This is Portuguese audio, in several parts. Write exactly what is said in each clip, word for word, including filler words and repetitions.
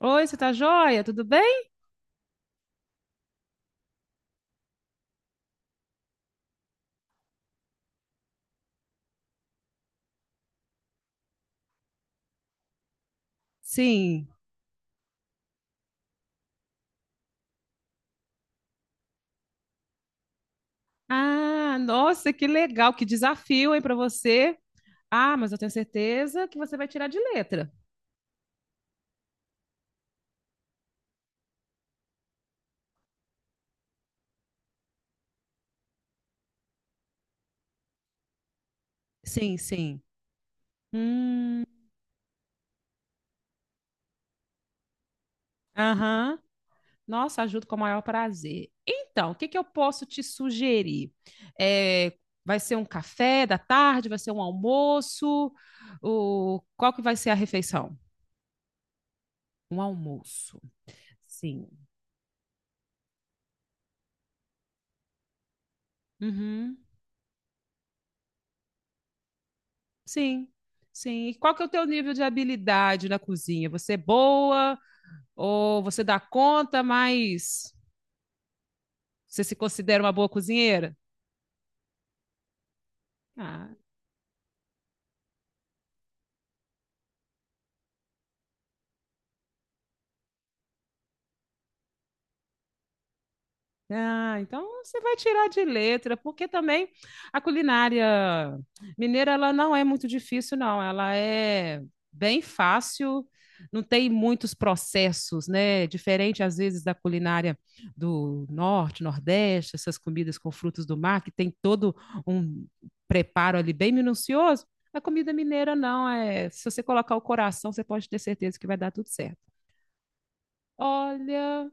Oi, você tá joia? Tudo bem? Sim. Ah, nossa, que legal, que desafio, hein, para você. Ah, mas eu tenho certeza que você vai tirar de letra. Sim, sim. Hum, aham. Nossa, ajudo com o maior prazer. Então, o que que eu posso te sugerir? É, vai ser um café da tarde? Vai ser um almoço? O, qual que vai ser a refeição? Um almoço. Sim. Uhum. Sim, sim. E qual que é o teu nível de habilidade na cozinha? Você é boa ou você dá conta, mas você se considera uma boa cozinheira? Ah, ah, então você vai tirar de letra, porque também a culinária mineira ela não é muito difícil, não. Ela é bem fácil, não tem muitos processos, né? Diferente às vezes da culinária do norte, nordeste, essas comidas com frutos do mar que tem todo um preparo ali bem minucioso. A comida mineira não é. Se você colocar o coração, você pode ter certeza que vai dar tudo certo. Olha, o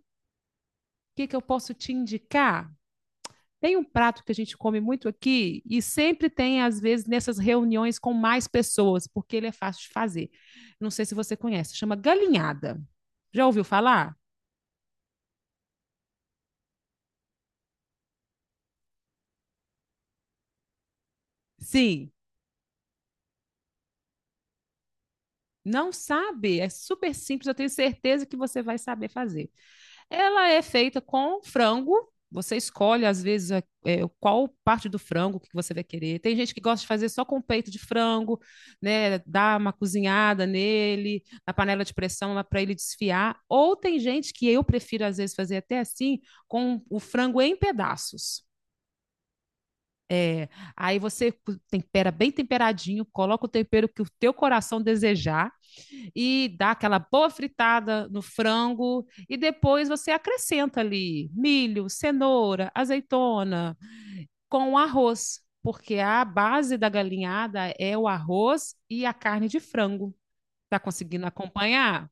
que que eu posso te indicar? Tem um prato que a gente come muito aqui e sempre tem, às vezes, nessas reuniões com mais pessoas, porque ele é fácil de fazer. Não sei se você conhece, chama galinhada. Já ouviu falar? Sim. Não sabe? É super simples, eu tenho certeza que você vai saber fazer. Ela é feita com frango. Você escolhe, às vezes, a- é, qual parte do frango que você vai querer. Tem gente que gosta de fazer só com peito de frango, né? Dar uma cozinhada nele, na panela de pressão, lá para ele desfiar. Ou tem gente que eu prefiro, às vezes, fazer até assim, com o frango em pedaços. É, aí você cu- tempera bem temperadinho, coloca o tempero que o teu coração desejar e dá aquela boa fritada no frango e depois você acrescenta ali milho, cenoura, azeitona com arroz, porque a base da galinhada é o arroz e a carne de frango. Tá conseguindo acompanhar?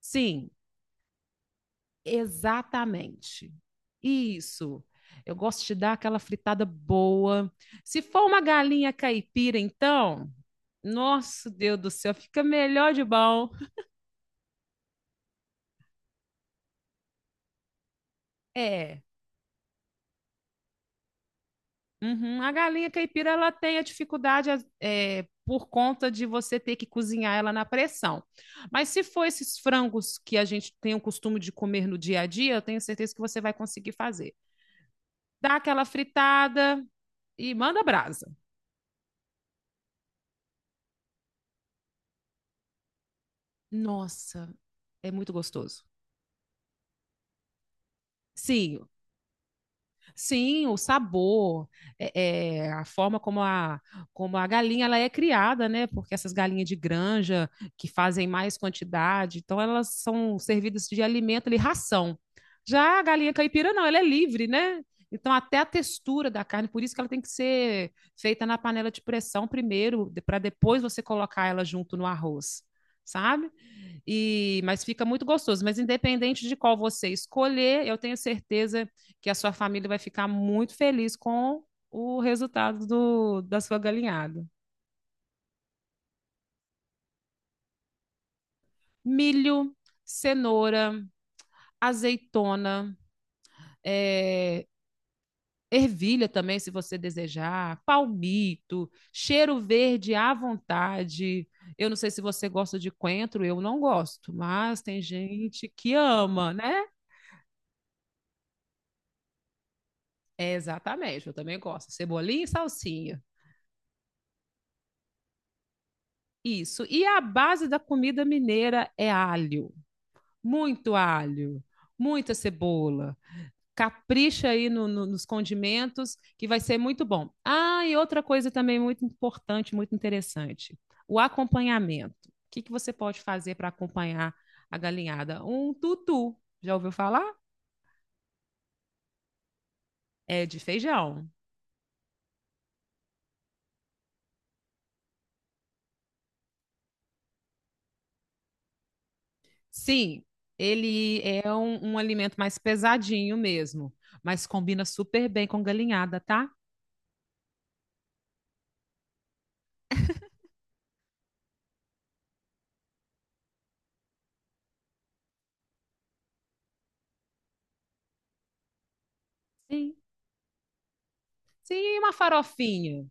Sim, exatamente. Isso. Eu gosto de dar aquela fritada boa. Se for uma galinha caipira, então, nosso Deus do céu, fica melhor de bom. É, uhum. A galinha caipira ela tem a dificuldade é, por conta de você ter que cozinhar ela na pressão. Mas se for esses frangos que a gente tem o costume de comer no dia a dia, eu tenho certeza que você vai conseguir fazer. Dá aquela fritada e manda brasa. Nossa, é muito gostoso. Sim, sim, o sabor, é, é, a forma como a, como a galinha ela é criada, né? Porque essas galinhas de granja que fazem mais quantidade, então elas são servidas de alimento ali, ração. Já a galinha caipira não, ela é livre, né? Então até a textura da carne, por isso que ela tem que ser feita na panela de pressão primeiro, para depois você colocar ela junto no arroz. Sabe? E, mas fica muito gostoso. Mas independente de qual você escolher, eu tenho certeza que a sua família vai ficar muito feliz com o resultado do, da sua galinhada. Milho, cenoura, azeitona, é, ervilha também, se você desejar, palmito, cheiro verde à vontade. Eu não sei se você gosta de coentro, eu não gosto, mas tem gente que ama, né? É, exatamente, eu também gosto. Cebolinha e salsinha. Isso. E a base da comida mineira é alho, muito alho, muita cebola. Capricha aí no- no- nos condimentos, que vai ser muito bom. Ah, e outra coisa também muito importante, muito interessante: o acompanhamento. O que que você pode fazer para acompanhar a galinhada? Um tutu. Já ouviu falar? É de feijão. Sim, ele é um, um alimento mais pesadinho mesmo, mas combina super bem com galinhada, tá? Sim. Sim, uma farofinha.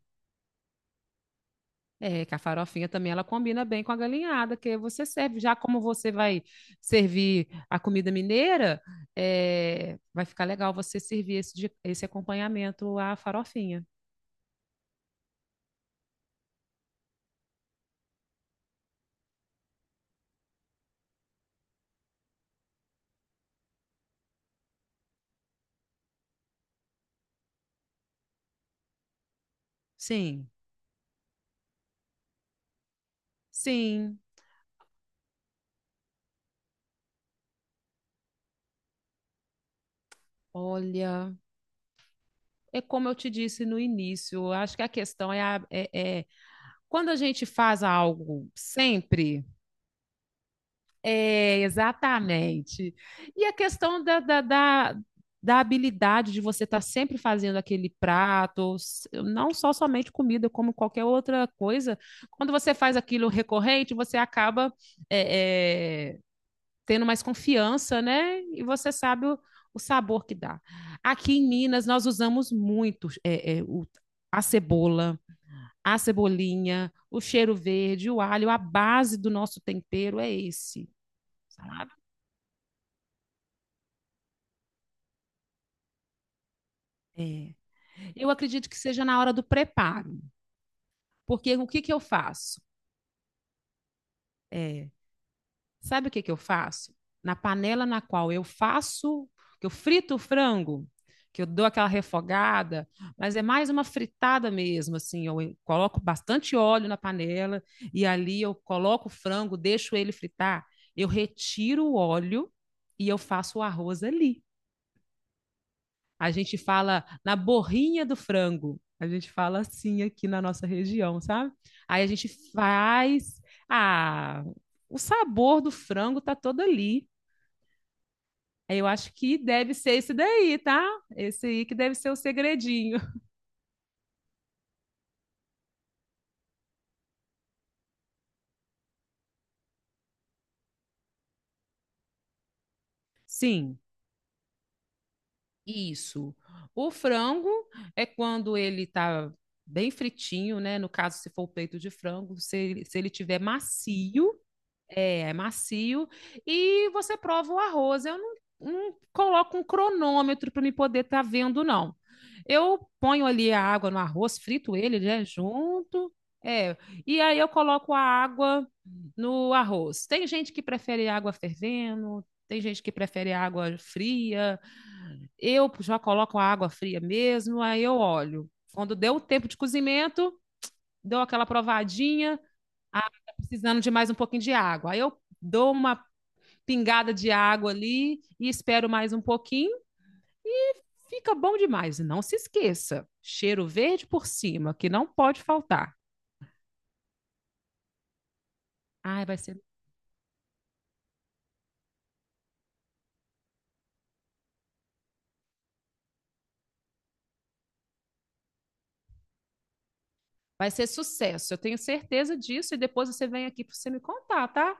É, que a farofinha também ela combina bem com a galinhada, que você serve. Já como você vai servir a comida mineira, é, vai ficar legal você servir esse, de- esse acompanhamento à farofinha. Sim, sim. Olha, é como eu te disse no início, eu acho que a questão é, a- é, é quando a gente faz algo sempre. É, exatamente. E a questão da, da, da, da habilidade de você estar sempre fazendo aquele prato, s- não só somente comida, como qualquer outra coisa. Quando você faz aquilo recorrente, você acaba é, é, tendo mais confiança, né? E você sabe o, o sabor que dá. Aqui em Minas, nós usamos muito é, é, o- a cebola. A cebolinha, o cheiro verde, o alho, a base do nosso tempero é esse. É, eu acredito que seja na hora do preparo, porque o que que eu faço? É. Sabe o que que eu faço? Na panela na qual eu faço, que eu frito o frango, que eu dou aquela refogada, mas é mais uma fritada mesmo, assim, eu coloco bastante óleo na panela e ali eu coloco o frango, deixo ele fritar, eu retiro o óleo e eu faço o arroz ali. A gente fala na borrinha do frango. A gente fala assim aqui na nossa região, sabe? Aí a gente faz. Ah, o sabor do frango tá todo ali. Aí eu acho que deve ser esse daí, tá? Esse aí que deve ser o segredinho. Sim, isso. O frango é quando ele tá bem fritinho, né? No caso, se for o peito de frango, se ele, se ele tiver macio. É, é macio. E você prova o arroz. Eu não, não coloco um cronômetro para me poder estar vendo, não. Eu ponho ali a água no arroz, frito ele, né, junto. É, e aí eu coloco a água no arroz. Tem gente que prefere água fervendo, tem gente que prefere água fria. Eu já coloco a água fria mesmo, aí eu olho. Quando deu o tempo de cozimento, dou aquela provadinha, ah, tá precisando de mais um pouquinho de água. Aí eu dou uma pingada de água ali e espero mais um pouquinho. Fica bom demais. E não se esqueça, cheiro verde por cima, que não pode faltar. Ai, vai ser, vai ser sucesso. Eu tenho certeza disso e depois você vem aqui para você me contar, tá?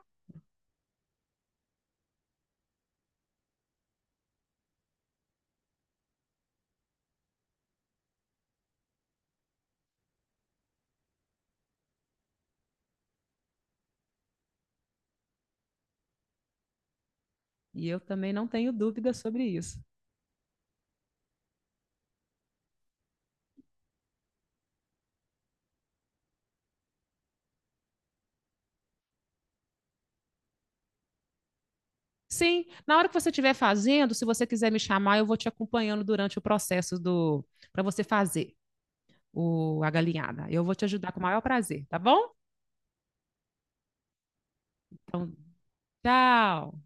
E eu também não tenho dúvida sobre isso. Sim, na hora que você estiver fazendo, se você quiser me chamar, eu vou te acompanhando durante o processo do para você fazer o a galinhada. Eu vou te ajudar com o maior prazer, tá bom? Então, tchau.